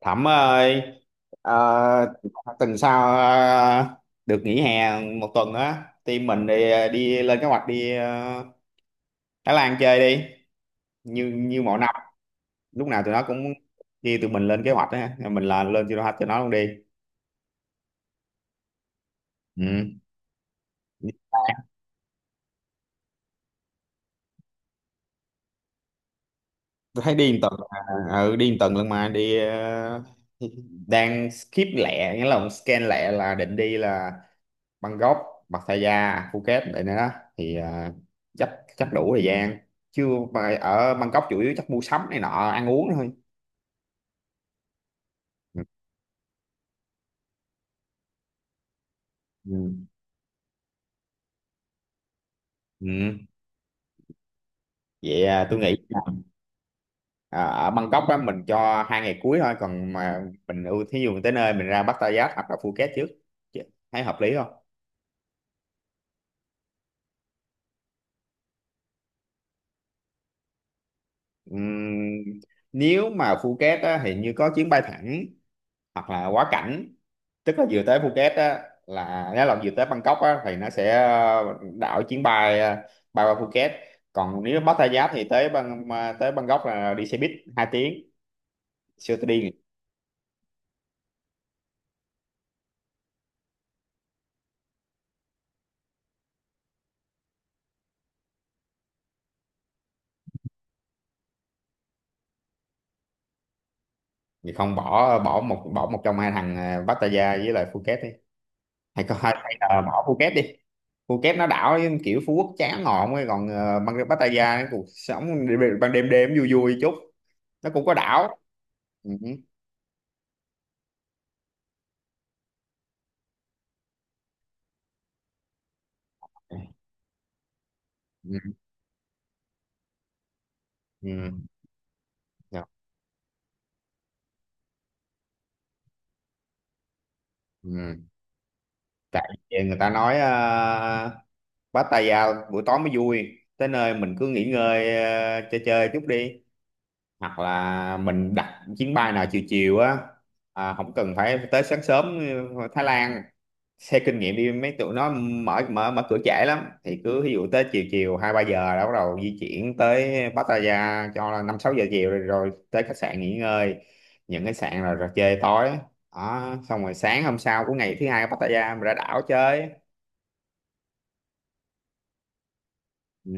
Thẩm ơi, ờ, tuần sau được nghỉ hè một tuần á, team mình đi đi lên kế hoạch đi Thái Lan chơi đi, như như mọi năm, lúc nào tụi nó cũng đi tụi mình lên kế hoạch á, mình là lên cho nó luôn đi. Ừ. Tôi thấy đi một tuần, à, ừ, đi một tuần luôn mà đi đang skip lẹ, nghĩa là scan lẹ là định đi là Bangkok, Pattaya, Phuket vậy nữa đó thì chắc chắc đủ thời gian chứ mà ở Bangkok chủ yếu chắc mua sắm này nọ ăn uống thôi ừ. Ừ. Ừ. Vậy à, tôi nghĩ là, à, ở Bangkok á, mình cho hai ngày cuối thôi còn mà mình ưu thí dụ mình tới nơi mình ra Pattaya hoặc là Phuket trước. Chứ thấy hợp lý không? Ừm, nếu mà Phuket á, thì như có chuyến bay thẳng hoặc là quá cảnh tức là vừa tới Phuket á là nếu là vừa tới Bangkok á thì nó sẽ đảo chuyến bay bay qua Phuket còn nếu Pattaya thì tới bang mà tới Bangkok là đi xe buýt 2 tiếng siêu tôi đi thì không bỏ bỏ một trong hai thằng Pattaya với lại Phuket đi hay có hay hay là bỏ Phuket đi. Phuket nó đảo kiểu Phú Quốc chán ngọn ấy còn bang Pattaya cuộc sống đêm- ban đêm đêm vui vui chút nó cũng có đảo ừ. Ừ. Ừ. Ừ. Tại vì người ta nói bắt tay vào buổi tối mới vui tới nơi mình cứ nghỉ ngơi chơi chơi chút đi hoặc là mình đặt chuyến bay nào chiều chiều á à, không cần phải tới sáng sớm Thái Lan xe kinh nghiệm đi mấy tụi nó mở mở mở cửa trễ lắm thì cứ ví dụ tới chiều chiều 2-3 giờ đã bắt đầu di chuyển tới Pattaya cho là 5-6 giờ chiều rồi, rồi tới khách sạn nghỉ ngơi những cái sạn là rồi chơi tối đó xong rồi sáng hôm sau của ngày thứ hai ở Pattaya mình ra đảo chơi ừ.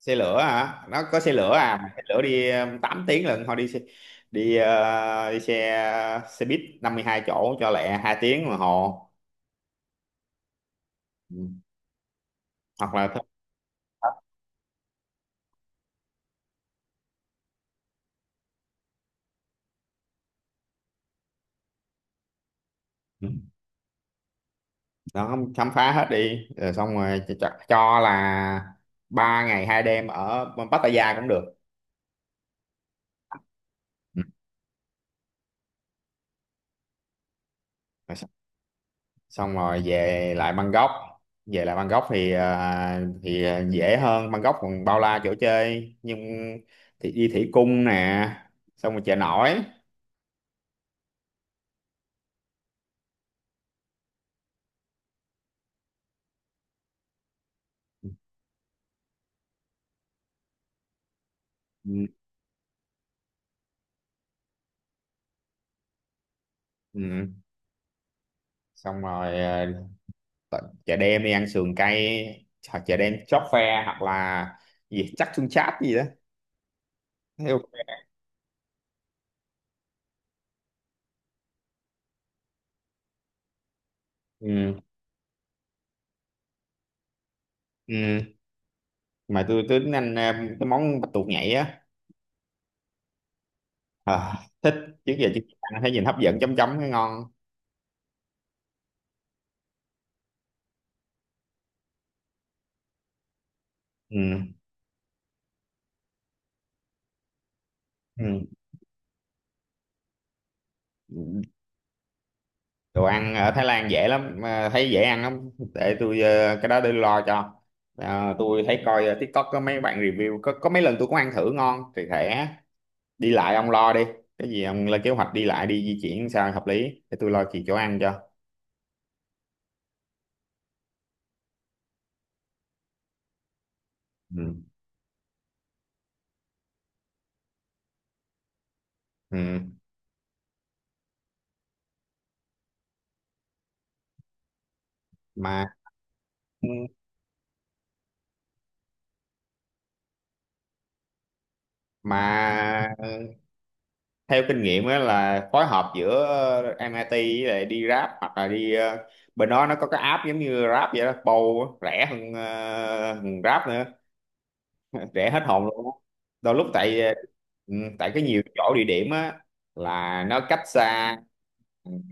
Xe lửa hả? Nó có xe lửa à mà xe lửa đi 8 tiếng lận thôi đi xe, đi, đi xe xe buýt 52 chỗ cho lẹ 2 tiếng đồng hồ ừ. Hoặc là nó không khám phá hết đi rồi xong rồi cho, cho là 3 ngày 2 đêm ở Pattaya cũng được. Ừ. Rồi xong xong rồi về lại Bangkok thì thì à, dễ hơn Bangkok còn bao la chỗ chơi nhưng thì đi thủy cung nè xong rồi chợ nổi ừ. Ừ. Xong rồi à, t- chợ đêm đi ăn sườn cay hoặc chợ đêm chóp phe hoặc là gì chắc xương chát gì đó. Theo- ừ. Ừ. Mà tôi tính ăn cái món bạch tuộc nhảy á à, thích trước giờ chưa ăn thấy nhìn hấp dẫn chấm chấm cái ngon ừ. Ừ. Đồ ăn ở Thái Lan dễ lắm mà thấy dễ ăn lắm để tôi cái đó để lo cho. Ờ, tôi thấy coi TikTok có mấy bạn review có mấy lần tôi cũng ăn thử ngon thì thể đi lại ông lo đi cái gì ông lên kế hoạch đi lại đi di chuyển sao hợp lý để tôi lo chuyện chỗ ăn cho ừ. Ừ. mà mà theo kinh nghiệm á là phối hợp giữa MIT với lại đi Grab hoặc là đi bên đó nó có cái app giống như Grab vậy đó Bow á, rẻ hơn, hơn Grab nữa rẻ hết hồn luôn á. Đôi lúc tại ừ, tại cái nhiều chỗ địa điểm á là nó cách xa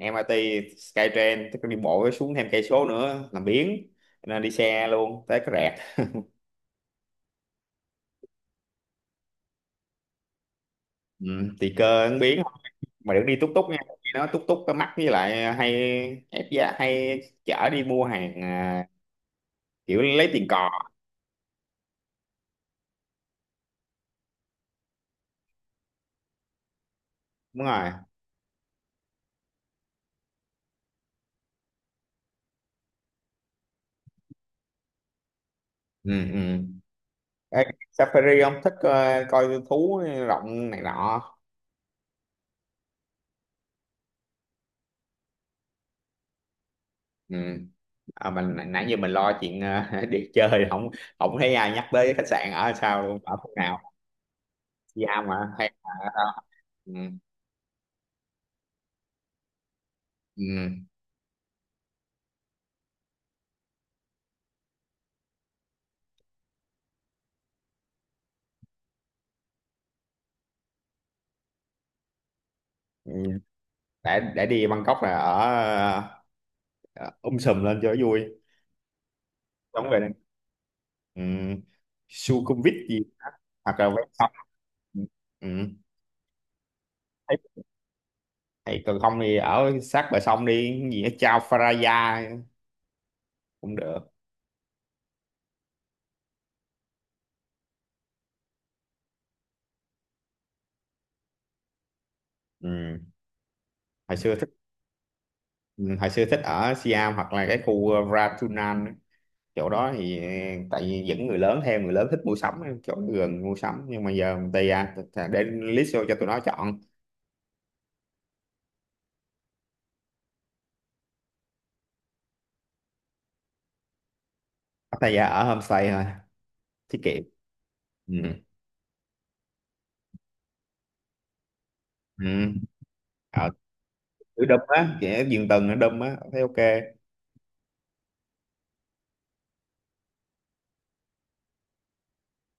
MIT Skytrain tức là đi bộ xuống thêm cây số nữa làm biếng nên đi xe luôn tới cái rẹt ừ, tùy cơ ăn biếng mà được đi túc túc nha nó túc túc cái mắc với lại hay ép giá hay chở đi mua hàng à, kiểu lấy tiền cò đúng rồi ừ Ê, Safari ông thích coi thú rộng này nọ ừ à, mình nãy nãy giờ mình lo chuyện đi chơi không không thấy ai nhắc tới khách sạn ở sao luôn ở phút nào Siam mà hay là ở đâu? Ừ. Ừ. Ừ. Để đi Bangkok là ở ờ, sùm lên cho vui đúng rồi ừ, Sukhumvit gì đó. Hoặc là ven sông ừ. Ừ. Thấy thì còn không thì ở sát bờ sông đi cái gì ở Chao Phraya cũng được ừ. Hồi xưa thích ừ, hồi xưa thích ở Siam hoặc là cái khu Ratunan á. Chỗ đó thì tại vì dẫn người lớn theo người lớn thích mua sắm chỗ gần mua sắm nhưng mà giờ Pattaya để list vô cho tụi nó chọn. Pattaya ở homestay thôi tiết kiệm ừ. Ừ. ở ở Đâm á kẻ giường tầng ở Đâm á thấy ok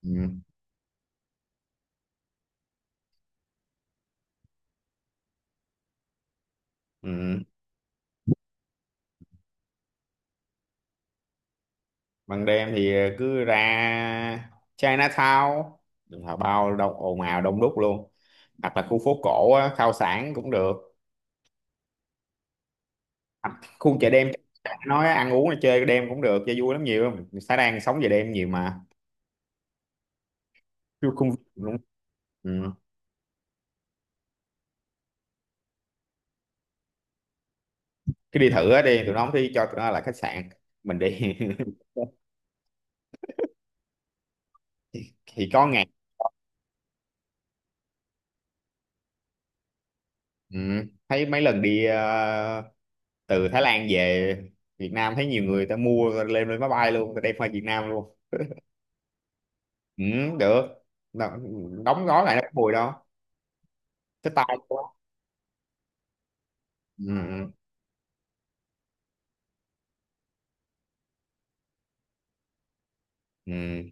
ừ. Ừ. Ban đêm thì cứ ra Chinatown là bao đông ồn ào đông đúc luôn hoặc là khu phố cổ á, khao sản cũng được. Hoặc khu chợ đêm nói ăn uống là chơi đêm cũng được chơi vui lắm nhiều lắm xã đang sống về đêm nhiều mà. Chứ không luôn ừ. Cứ đi thử á đi tụi nó không thì cho tụi nó là khách sạn mình đi thì có ngày ừ. Thấy mấy lần đi từ Thái Lan về Việt Nam thấy nhiều người ta mua lên lên máy bay luôn ta đem qua Việt Nam luôn ừ, được. Nó- đóng gói lại nó có mùi đâu cái tay của nó. Ừ, ừ,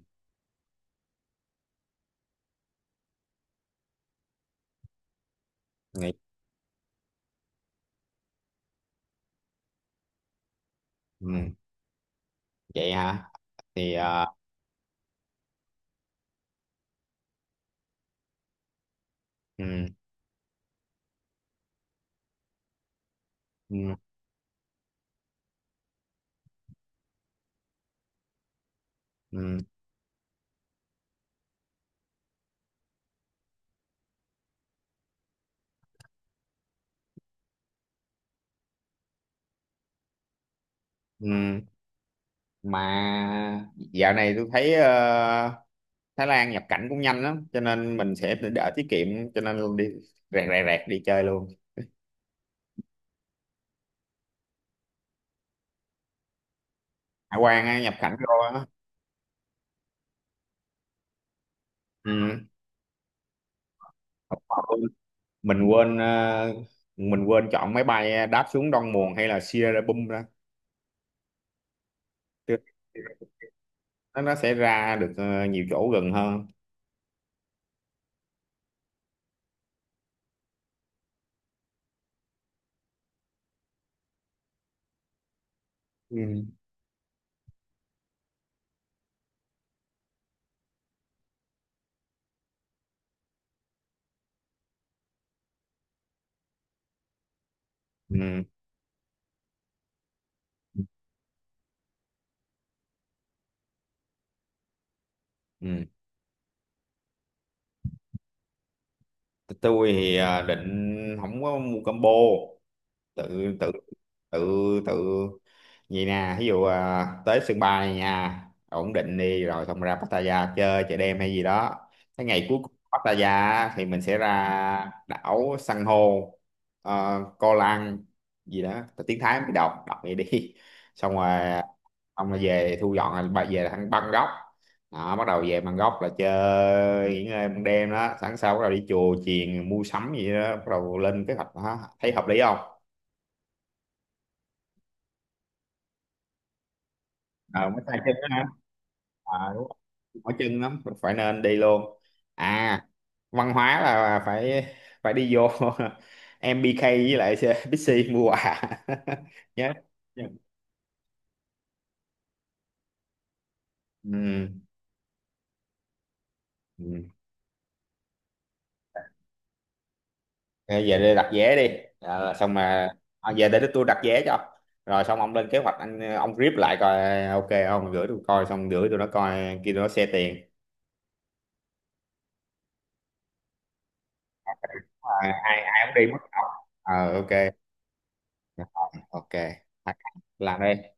ừ, nghĩ- ừ, vậy hả thì ờ, ừ, ừ, ừ, ừ. Mà dạo này tôi thấy Thái Lan nhập cảnh cũng nhanh lắm cho nên mình sẽ đỡ tiết kiệm cho nên đi rẹt rẹt rẹt đi chơi luôn hải quan á, nhập cảnh vô á ừ. Mình quên mình quên chọn máy bay đáp xuống Đông Muồn hay là Sierra Bum ra nó sẽ ra được nhiều chỗ gần hơn ừ. Ừ. Ừ. Tôi thì định không có mua combo tự tự tự tự vậy nè ví dụ à, tới sân bay này nha ổn định đi rồi xong ra Pattaya chơi chợ đêm hay gì đó cái ngày cuối cùng Pattaya á, thì mình sẽ ra đảo san hô Koh Lang gì đó tiếng Thái mới đọc đọc vậy đi xong rồi ông là về thu dọn là bà về là thằng Bangkok đó, bắt đầu về Bangkok là chơi nghỉ ngơi ban đêm đó sáng sau bắt đầu đi chùa chiền mua sắm gì đó bắt đầu lên kế hoạch đó. Thấy hợp lý không? Ờ mới tay chân đó hả ờ đúng rồi mỏi chân lắm phải nên đi luôn à văn hóa là phải phải đi vô Em MBK với lại Bixi mua quà nhớ ừ. Ừ. Thôi về đây đặt vé đi. Ờ, xong mà à, về để tôi đặt vé cho rồi xong ông lên kế hoạch anh ông rip lại coi ok không gửi tôi coi xong gửi tụi nó coi kia tụi nó xe tiền à, ai ai cũng đi mất ông ờ ok. Rồi, ok làm đi